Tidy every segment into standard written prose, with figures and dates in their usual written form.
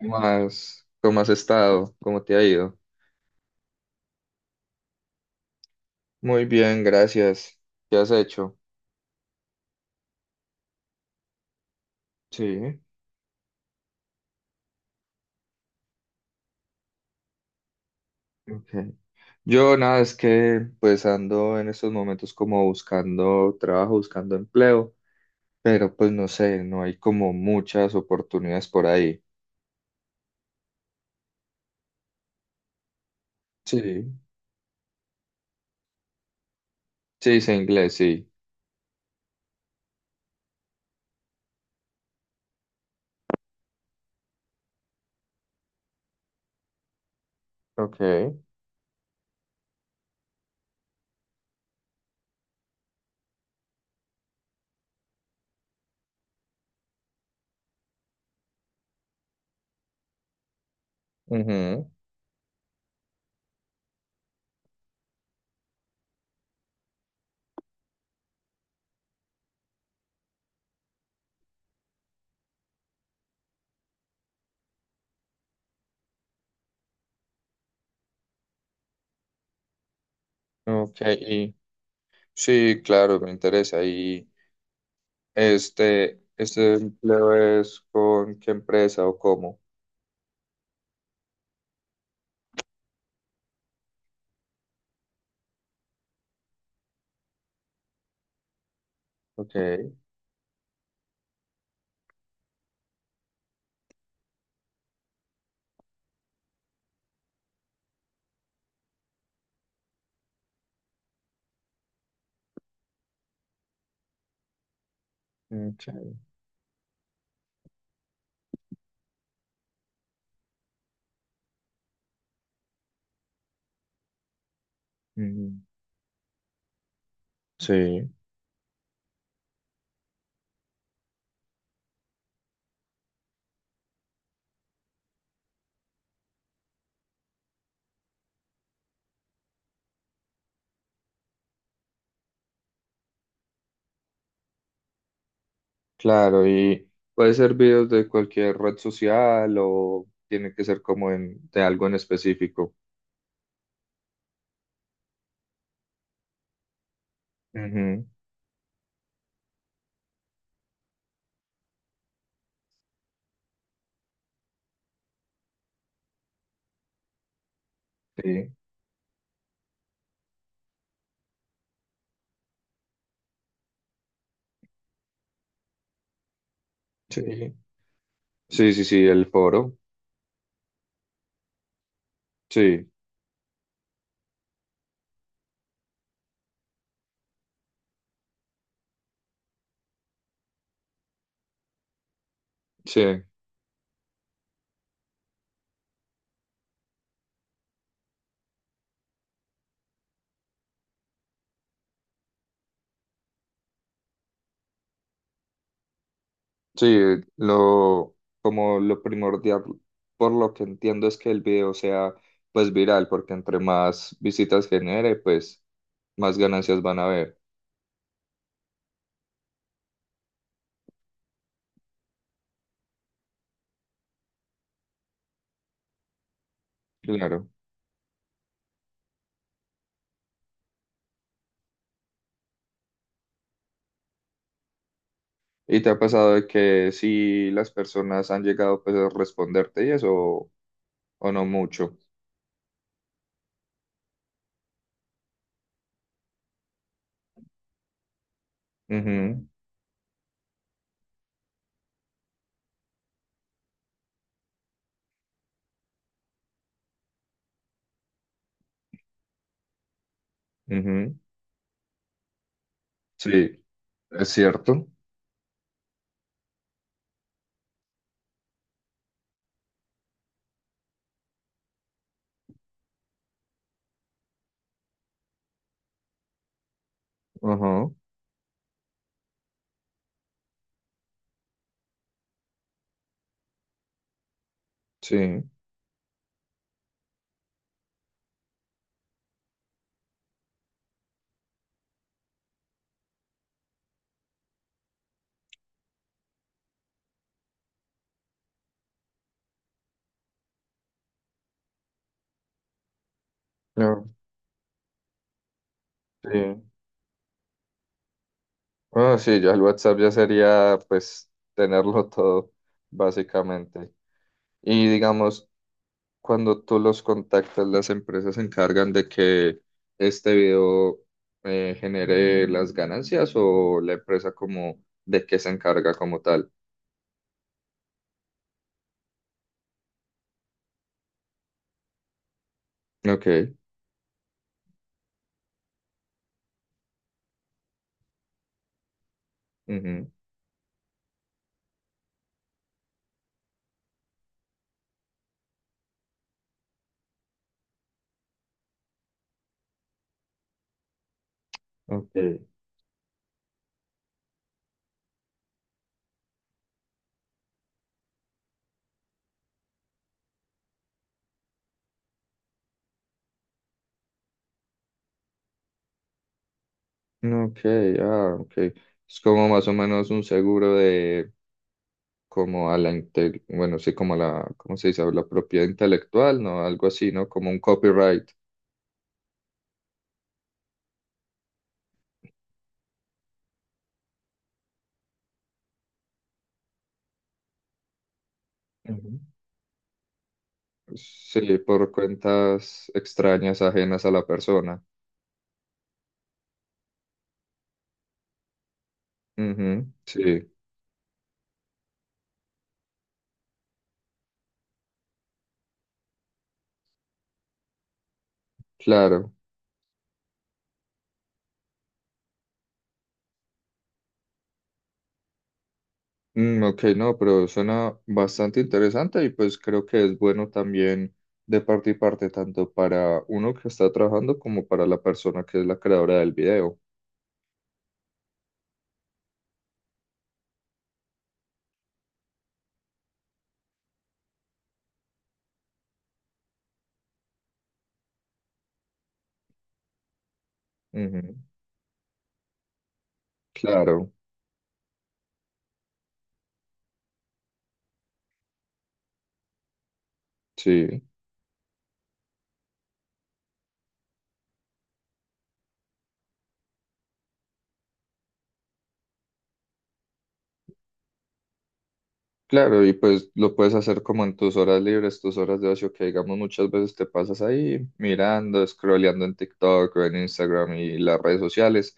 ¿Cómo has estado? ¿Cómo te ha ido? Muy bien, gracias. ¿Qué has hecho? Sí, ok. Yo nada, es que pues ando en estos momentos como buscando trabajo, buscando empleo, pero pues no sé, no hay como muchas oportunidades por ahí. Sí, sí, sé inglés, sí. Ok. Ujú. Ok, y sí, claro, me interesa. ¿Y este empleo es con qué empresa o cómo? Ok. Ok. Mm. Sí, claro, y puede ser videos de cualquier red social o tiene que ser como en, de algo en específico. Ujú. Sí, sí, sí, sí, sí, el foro, sí, sí, sí, lo, como lo primordial, por lo que entiendo es que el video sea pues viral, porque entre más visitas genere, pues más ganancias van a haber, claro. ¿Y te ha pasado de que si las personas han llegado pues a responderte y eso? O no mucho. Ujú, ujú. Sí, es cierto. Ajá, sí. No, sí. Ah, sí, ya el WhatsApp ya sería pues tenerlo todo, básicamente. Y digamos, cuando tú los contactas, las empresas se encargan de que este video genere las ganancias o la empresa como de qué se encarga como tal. Ok. Ujú, ok. Ok, ah, ok. Es como más o menos un seguro de como a la inte- bueno, sí, como a la, ¿cómo se dice? La propiedad intelectual, ¿no? Algo así, ¿no? Como un copyright. Ujú. Sí, por cuentas extrañas ajenas a la persona. Ujú, sí, claro. Mm, ok, no, pero suena bastante interesante y pues creo que es bueno también de parte y parte, tanto para uno que está trabajando como para la persona que es la creadora del video. Ujú, claro. Sí, claro, y pues lo puedes hacer como en tus horas libres, tus horas de ocio, que digamos muchas veces te pasas ahí mirando, scrolleando en TikTok o en Instagram y las redes sociales.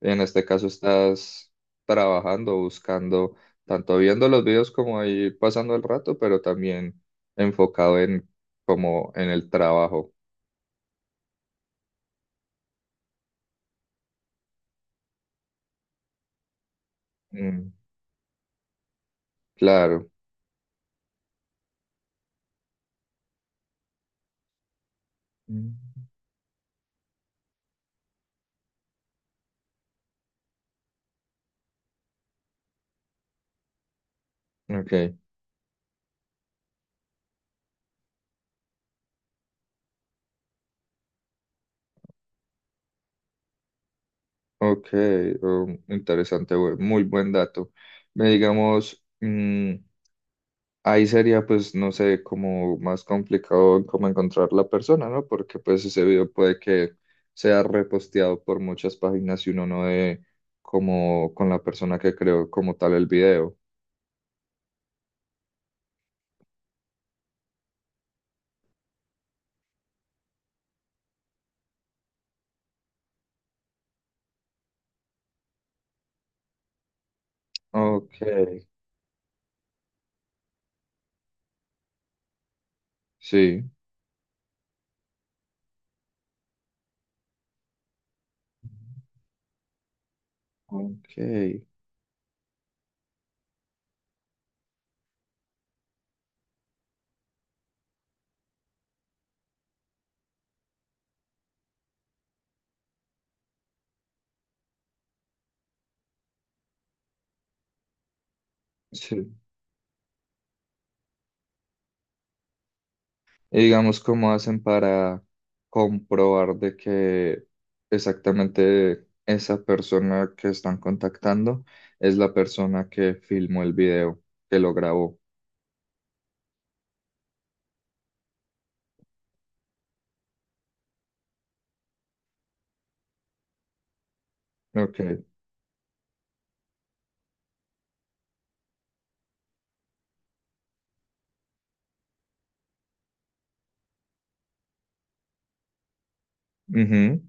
En este caso estás trabajando, buscando, tanto viendo los videos como ahí pasando el rato, pero también enfocado en como en el trabajo. Mm, claro. Mm. Ok, ok, interesante, bu- muy buen dato. Me digamos... mm, ahí sería, pues, no sé, como más complicado como encontrar la persona, ¿no? Porque pues ese video puede que sea reposteado por muchas páginas y uno no dé como con la persona que creó como tal el video. Ok, sí, ok, sí. Y digamos, ¿cómo hacen para comprobar de que exactamente esa persona que están contactando es la persona que filmó el video, que lo grabó? Ok. Ujú.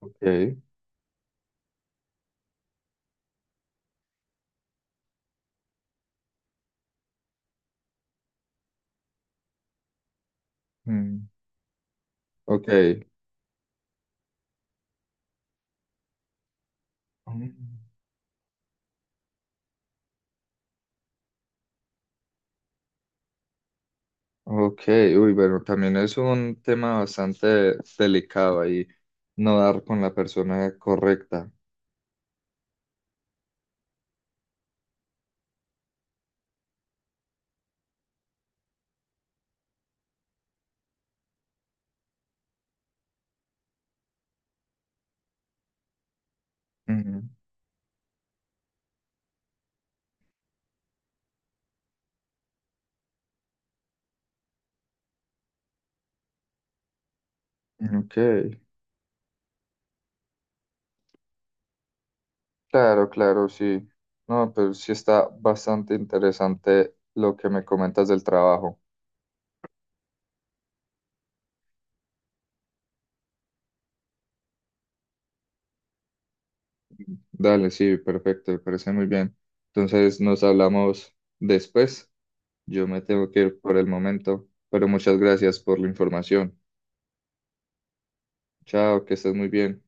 Ok. Mm. Ok. Mm. Ok. Uy, bueno, también es un tema bastante delicado ahí, no dar con la persona correcta. Ujú. Ok, claro, claro, sí. No, pero sí está bastante interesante lo que me comentas del trabajo. Dale, sí, perfecto, me parece muy bien. Entonces nos hablamos después. Yo me tengo que ir por el momento, pero muchas gracias por la información. Chao, que estés muy bien.